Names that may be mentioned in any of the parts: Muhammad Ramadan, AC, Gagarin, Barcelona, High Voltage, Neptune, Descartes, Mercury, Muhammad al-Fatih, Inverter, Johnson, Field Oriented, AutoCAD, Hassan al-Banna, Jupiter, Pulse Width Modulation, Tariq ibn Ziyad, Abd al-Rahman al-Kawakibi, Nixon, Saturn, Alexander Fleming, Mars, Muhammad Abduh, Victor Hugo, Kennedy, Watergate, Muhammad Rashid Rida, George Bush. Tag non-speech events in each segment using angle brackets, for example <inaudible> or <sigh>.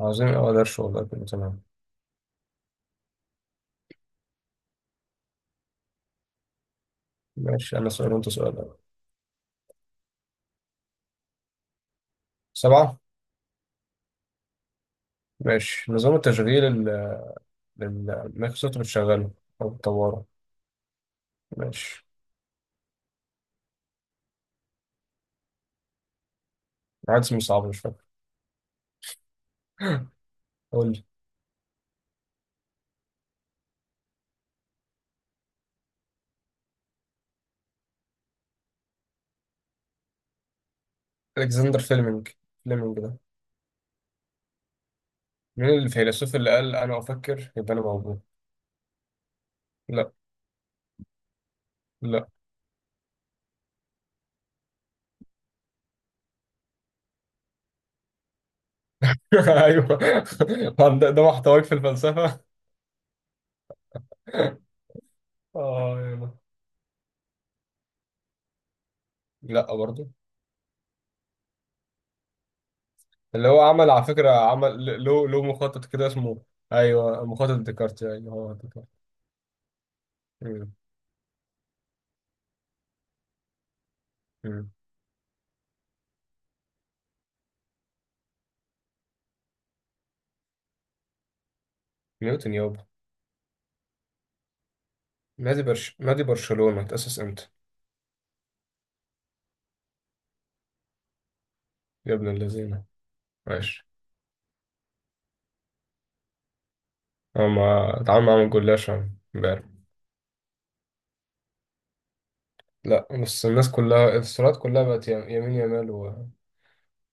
عظيم أوي درش، والله كله تمام. ماشي، أنا سؤال وأنت سؤال أوي. سبعة. ماشي، نظام التشغيل اللي المايكروسوفت بتشغله أو بتطوره؟ ماشي. واحد اسمه صعب، مش فاكر. <gasps> <laughs> قول لي. ألكسندر فيلمينج. فيلمينج ده. مين الفيلسوف اللي قال أنا أفكر يبقى أنا موجود؟ لا. لا. <laughs> أيوه. <laughs> ده محتواك في الفلسفة. <laughs> اه، يلا. لا برضه. اللي هو عمل، على فكرة، عمل له مخطط كده اسمه. ايوه، مخطط ديكارت. ايوه، هو ديكارت. مم. مم. نيوتن يابا. نادي برشلونة اتأسس امتى؟ يا ابن اللذينة. ماشي. هما اتعامل معاهم جلاش امبارح. لا، بس الناس كلها الصورات كلها بقت يمين يمال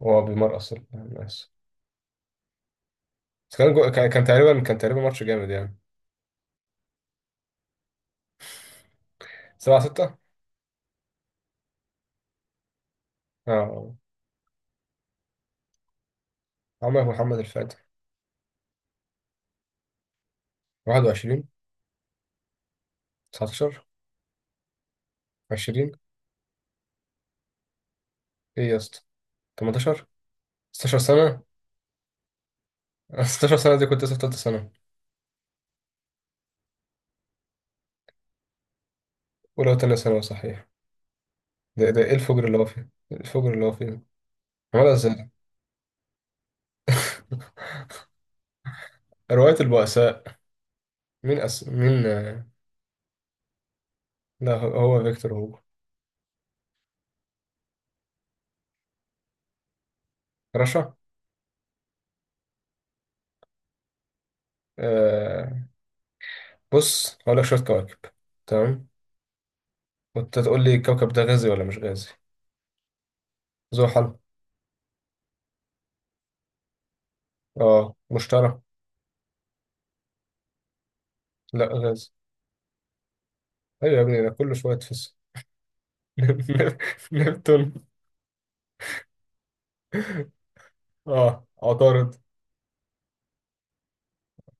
وهو بيمرقص الناس. بس كان جو... كان كان تقريبا كان تقريبا ماتش جامد، يعني. 7-6. اه. عمر محمد الفاتح. 21. 19. 20. ايه يا اسطى؟ 18. 16 سنة. <laughs> 16 سنة؟ دي كنت لسه في تالتة سنة. أولى وتانية ثانوي، صحيح. ده ايه الفجر اللي هو فيه؟ إيه الفجر اللي هو فيه؟ خلاص. رواية البؤساء. مين أس... مين آه، لا، هو. هو فيكتور هوجو. رشا. آه... بص، هقول لك شوية كواكب. تمام. وانت تقول لي الكوكب ده غازي ولا مش غازي. زحل. اه، مشتري. لا، غازي. ايوه يا ابني، ده كله شوية فيس. <laughs> نبتون. اه، عطارد.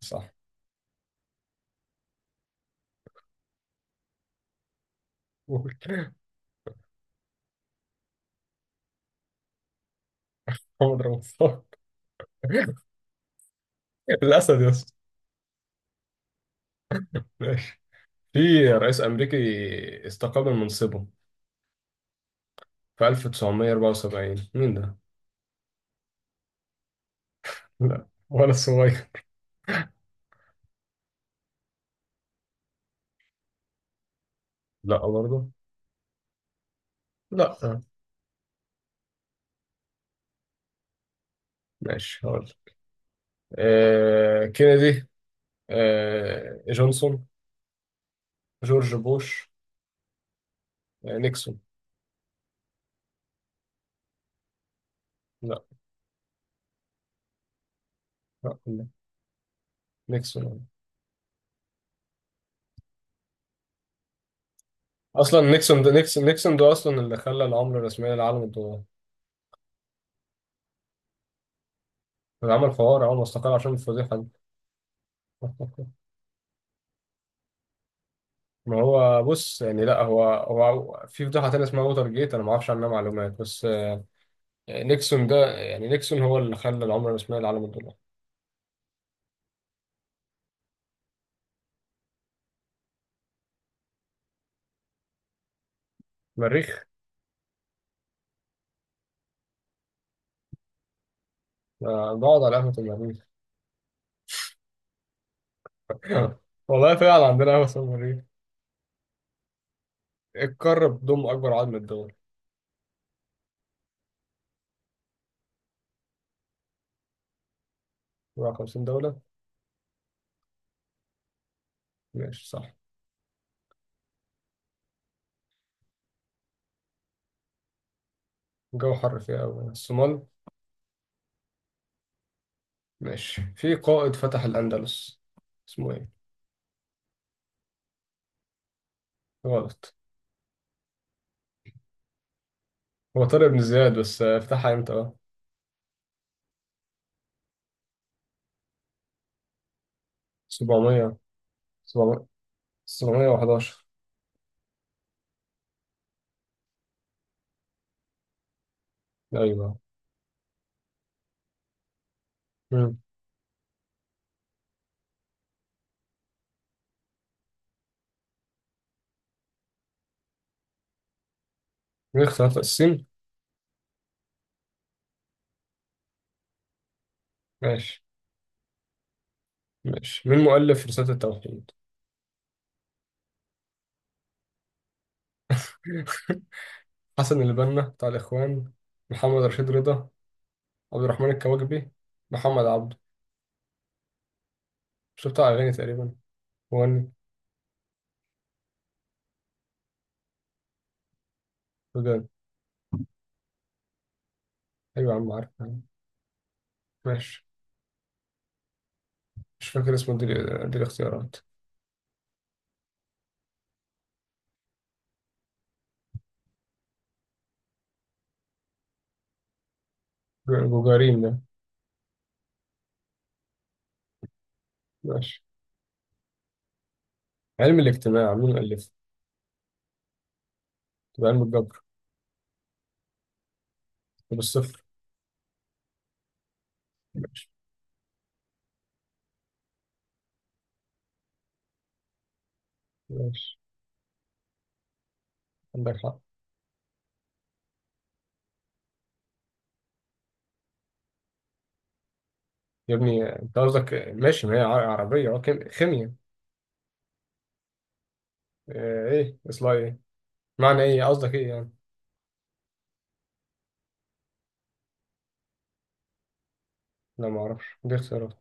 صح. قول. محمد رمضان. <laughs> الأسد يا اسطى. ماشي. في رئيس أمريكي استقال من منصبه في 1974، مين ده؟ لا، ولا صغير. لا برضه. لا. ماشي، هقول لك. كينيدي. جونسون. جورج بوش. نيكسون. لا لا، لا. نيكسون. اصلا نيكسون ده نيكسون نيكسون ده اصلا اللي خلى العمله الرسميه للعالم الدولار. اللي عمل فوار اول ما استقال عشان الفضيحه دي. <laughs> ما هو بص، يعني لا، هو في فضيحه تانية اسمها ووتر جيت، انا ما اعرفش عنها معلومات بس. نيكسون ده، يعني نيكسون هو اللي خلى العمله الرسميه للعالم الدولار. مريخ. آه، بقعد على قهوه المريخ. <laughs> والله فعلا عندنا قهوه اسمها مريخ. القارة بتضم أكبر عدد من الدول؟ 54 دولة. ماشي، صح. الجو حر فيها أوي، الصومال. ماشي. في قائد فتح الأندلس، اسمه إيه؟ غلط. هو طارق بن زياد، بس فتحها إمتى بقى؟ 700. 700. 711. أيوه. مم. مين اختلاف السين؟ ماشي. ماشي. مين مؤلف رسالة التوحيد؟ <laughs> حسن البنا بتاع الإخوان. محمد رشيد رضا. عبد الرحمن الكواكبي. محمد عبده. شو بتاع أغاني تقريبا. مغني. وجان. أيوة يا عم، عارف. ماشي. مش فاكر اسمه. دي دي الاختيارات. جوجارين ده. ماشي. علم الاجتماع، مين الألفه؟ تبقى علم الجبر. طب الصفر. ماشي. ماشي. عندك حق. يا ابني انت قصدك ماشي، ما هي عربية. اه، خيمياء. ايه اصلها ايه؟ معنى ايه قصدك ايه يعني؟ لا، ما اعرفش. دي اختيارات.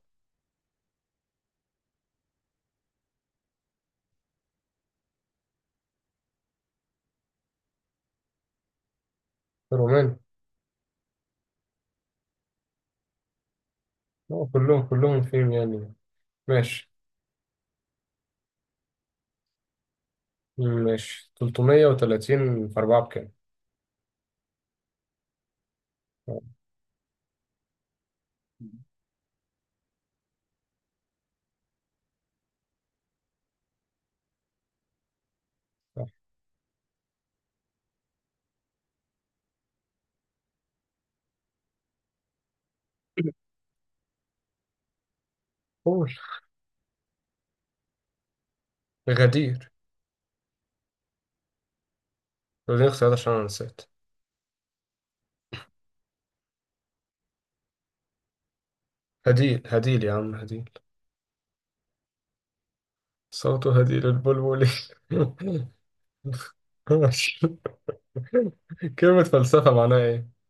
روماني. اه، كلهم فيهم يعني. ماشي. ماشي. 330 في 4 بكام؟ آه، صح. قول. غدير. دي اختيارات عشان انا نسيت. هديل، هديل يا عم، هديل. صوت هديء للبلبل. <laughs> كلمة فلسفة معناها إيه؟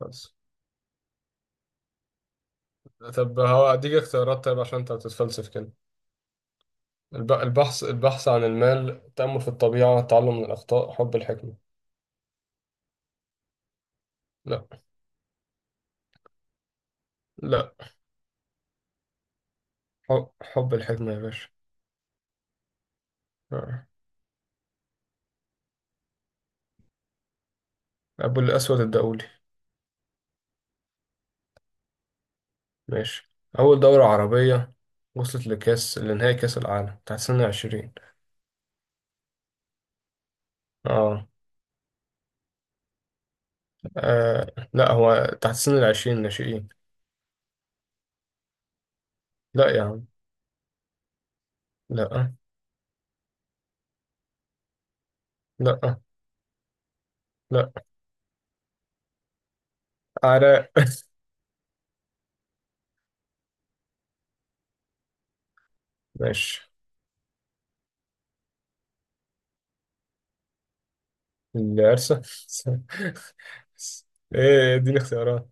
بس. طب هو، أديك اختيارات طيب عشان أنت بتتفلسف كده. البحث عن المال، التأمل في الطبيعة، التعلم من الأخطاء، حب الحكمة. لا. لا. حب الحكمة يا باشا. آه. أبو الأسود الدؤلي. ماشي. أول دورة عربية وصلت لكأس لنهائي كأس العالم تحت سن 20؟ آه. آه لا، هو تحت سن 20، ناشئين. لا يا عم. لا. لا. لا. عراء. <laughs> ماشي. العرسة. <laughs> ايه دي الاختيارات؟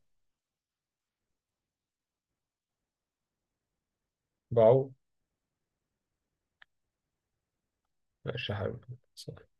بعو. ماشي يا حبيبي.